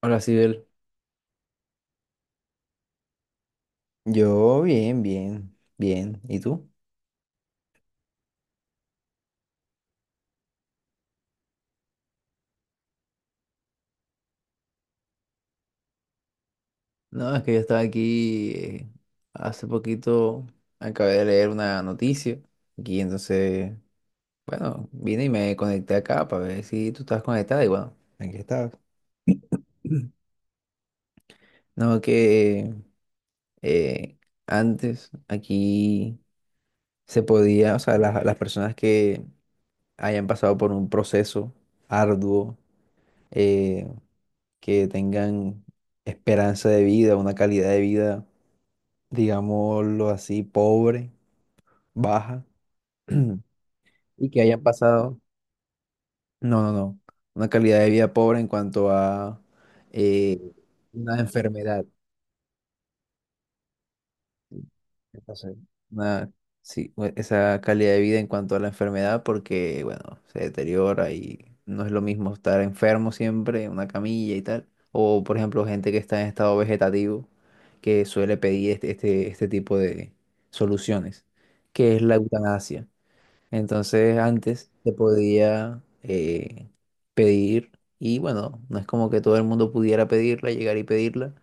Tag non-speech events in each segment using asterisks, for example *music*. Hola, Sibel. Yo bien, bien, bien. ¿Y tú? No, es que yo estaba aquí hace poquito, acabé de leer una noticia y entonces, bueno, vine y me conecté acá para ver si tú estabas conectada y bueno, aquí estás. Mm. *clears throat* No, que eh, antes aquí se podía, o sea, las personas que hayan pasado por un proceso arduo, eh, que tengan esperanza de vida, una calidad de vida, digámoslo así, pobre, baja, *clears throat* y que hayan pasado, no, no, no, una calidad de vida pobre en cuanto a eh, una enfermedad. Entonces, una- sí, esa calidad de vida en cuanto a la enfermedad, porque, bueno, se deteriora y no es lo mismo estar enfermo siempre en una camilla y tal. O, por ejemplo, gente que está en estado vegetativo, que suele pedir este tipo de soluciones, que es la eutanasia. Entonces antes se podía pedir y bueno, no es como que todo el mundo pudiera pedirla, llegar y pedirla.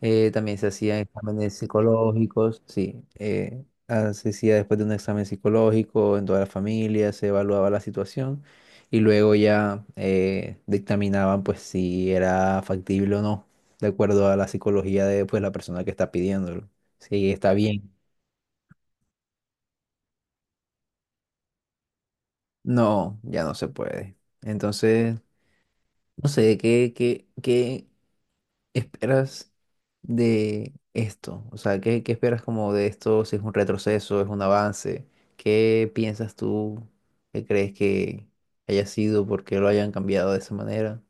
También se hacían exámenes psicológicos, sí, ah, se hacía después de un examen psicológico en toda la familia, se evaluaba la situación y luego ya dictaminaban pues si era factible o no, de acuerdo a la psicología de pues la persona que está pidiéndolo, si está bien. No, ya no se puede. Entonces no sé, ¿qué esperas de esto? O sea, ¿qué esperas como de esto? Si es un retroceso, es un avance. ¿Qué piensas tú? ¿Qué crees que haya sido? ¿Por qué lo hayan cambiado de esa manera?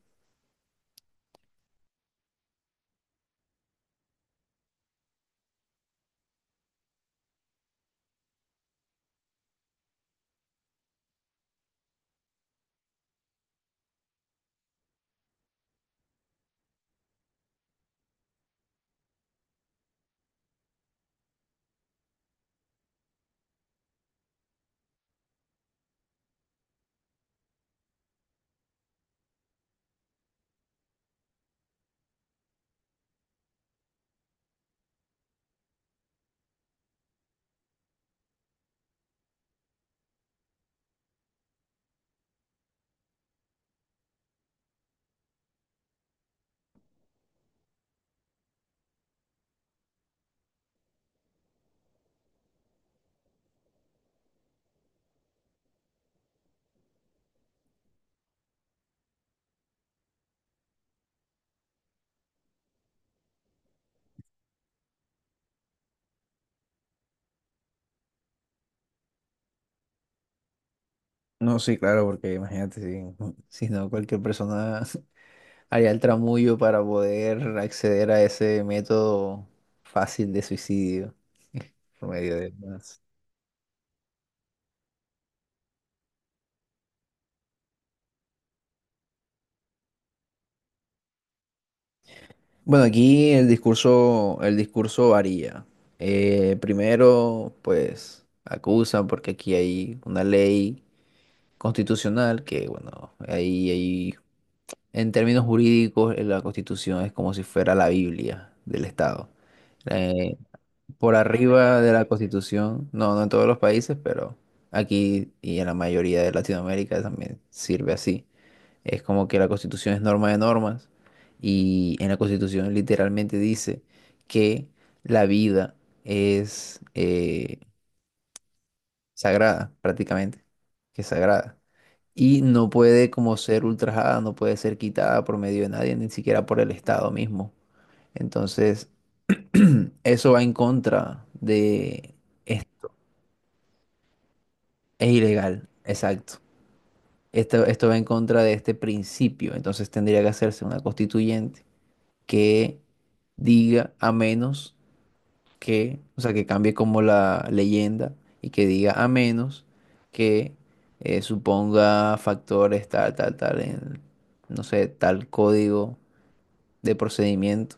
No, sí, claro, porque imagínate si, *laughs* si no, cualquier persona *laughs* haría el tramullo para poder acceder a ese método fácil de suicidio *laughs* por medio de. Bueno, aquí el discurso varía. Primero, pues acusan porque aquí hay una ley constitucional que, bueno, ahí en términos jurídicos la constitución es como si fuera la Biblia del Estado. Eh, por arriba de la constitución, no, no en todos los países, pero aquí y en la mayoría de Latinoamérica también sirve así. Es como que la Constitución es norma de normas y en la Constitución literalmente dice que la vida es sagrada, prácticamente, que es sagrada. Y no puede como ser ultrajada, no puede ser quitada por medio de nadie, ni siquiera por el Estado mismo. Entonces, *clears throat* eso va en contra de. Es, es ilegal, exacto. Esto va en contra de este principio, entonces tendría que hacerse una constituyente que diga a menos que, o sea, que cambie como la leyenda y que diga a menos que suponga factores tal, tal, tal, en, no sé, tal código de procedimiento,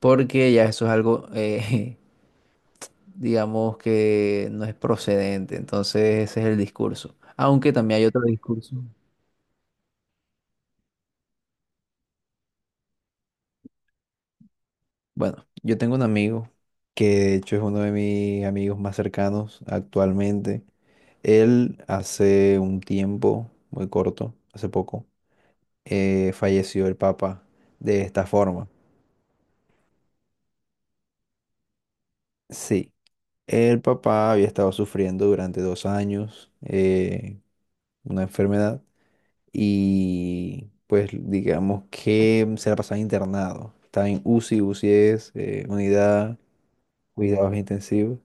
porque ya eso es algo, *laughs* digamos, que no es procedente, entonces ese es el discurso. Aunque también hay otro discurso. Bueno, yo tengo un amigo que de hecho es uno de mis amigos más cercanos actualmente. Él hace un tiempo, muy corto, hace poco, falleció el papá de esta forma. Sí, el papá había estado sufriendo durante 2 años una enfermedad y pues digamos que se la pasaba internado. Estaba en UCI, UCI es unidad, cuidados intensivos.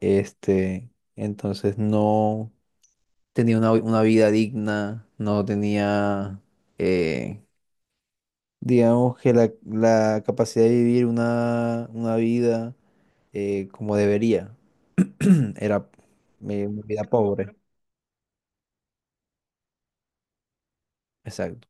Este, entonces no tenía una vida digna, no tenía, eh, digamos que la capacidad de vivir una vida como debería. *clears throat* Era una vida pobre. Exacto.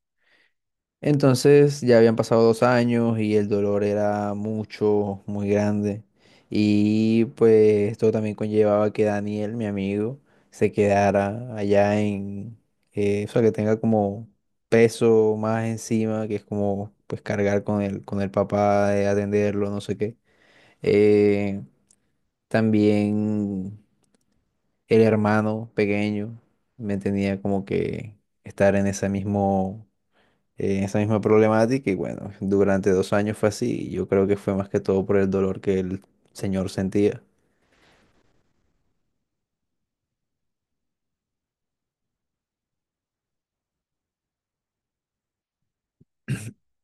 Entonces ya habían pasado 2 años y el dolor era mucho, muy grande. Y pues esto también conllevaba que Daniel, mi amigo, se quedara allá en, o sea, que tenga como peso más encima, que es como pues cargar con el papá, de atenderlo, no sé qué. Eh, También el hermano pequeño me tenía como que estar en ese mismo en esa misma problemática y bueno, durante 2 años fue así y yo creo que fue más que todo por el dolor que el señor sentía.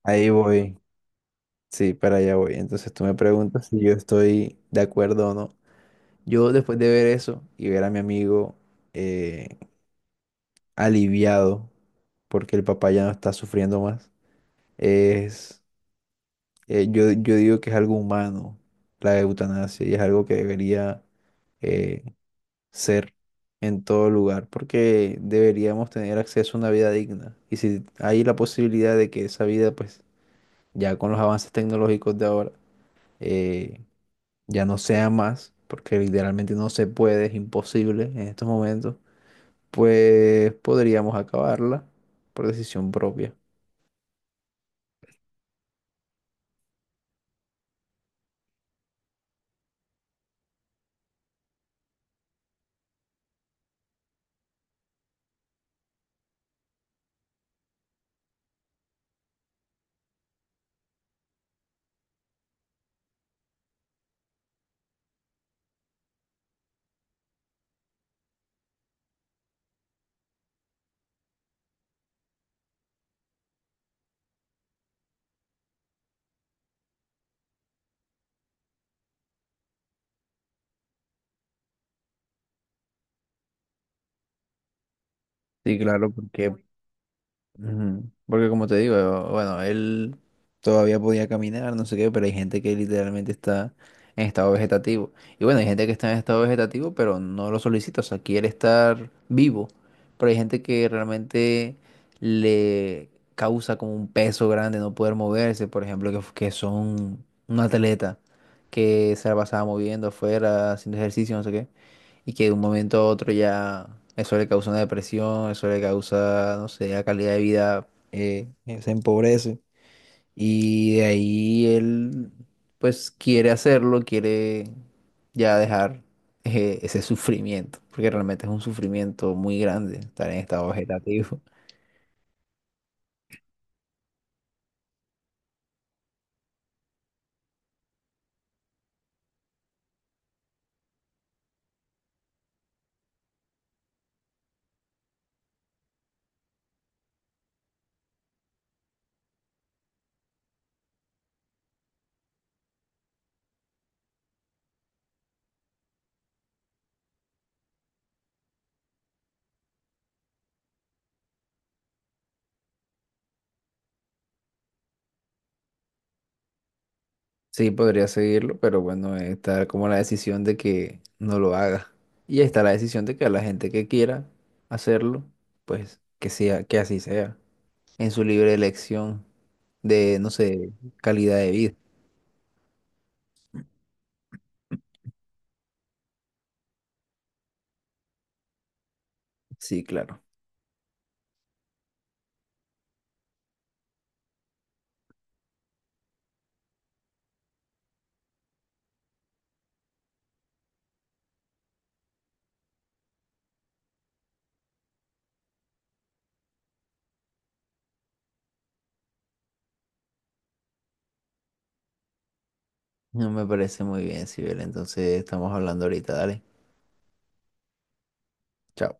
Ahí voy, sí, para allá voy. Entonces tú me preguntas si yo estoy de acuerdo o no. Yo después de ver eso y ver a mi amigo eh, aliviado porque el papá ya no está sufriendo más, es, yo digo que es algo humano la eutanasia y es algo que debería. eh, Ser en todo lugar, porque deberíamos tener acceso a una vida digna. Y si hay la posibilidad de que esa vida, pues ya con los avances tecnológicos de ahora, eh, ya no sea más, porque literalmente no se puede, es imposible en estos momentos, pues podríamos acabarla por decisión propia. Sí, claro, porque. Ujú. Porque como te digo, bueno, él todavía podía caminar, no sé qué, pero hay gente que literalmente está en estado vegetativo. Y bueno, hay gente que está en estado vegetativo, pero no lo solicita, o sea, quiere estar vivo. Pero hay gente que realmente le causa como un peso grande no poder moverse, por ejemplo, que son un atleta que se la pasaba moviendo afuera, haciendo ejercicio, no sé qué y que de un momento a otro ya eso le causa una depresión, eso le causa, no sé, la calidad de vida se empobrece. Y de ahí él, pues, quiere hacerlo, quiere ya dejar ese sufrimiento, porque realmente es un sufrimiento muy grande estar en estado vegetativo. *laughs* Sí, podría seguirlo, pero bueno, está como la decisión de que no lo haga. Y está la decisión de que a la gente que quiera hacerlo, pues que sea, que así sea, en su libre elección de, no sé, calidad de vida. Sí, claro. No me parece muy bien, Sibel. Entonces estamos hablando ahorita, dale. Chao.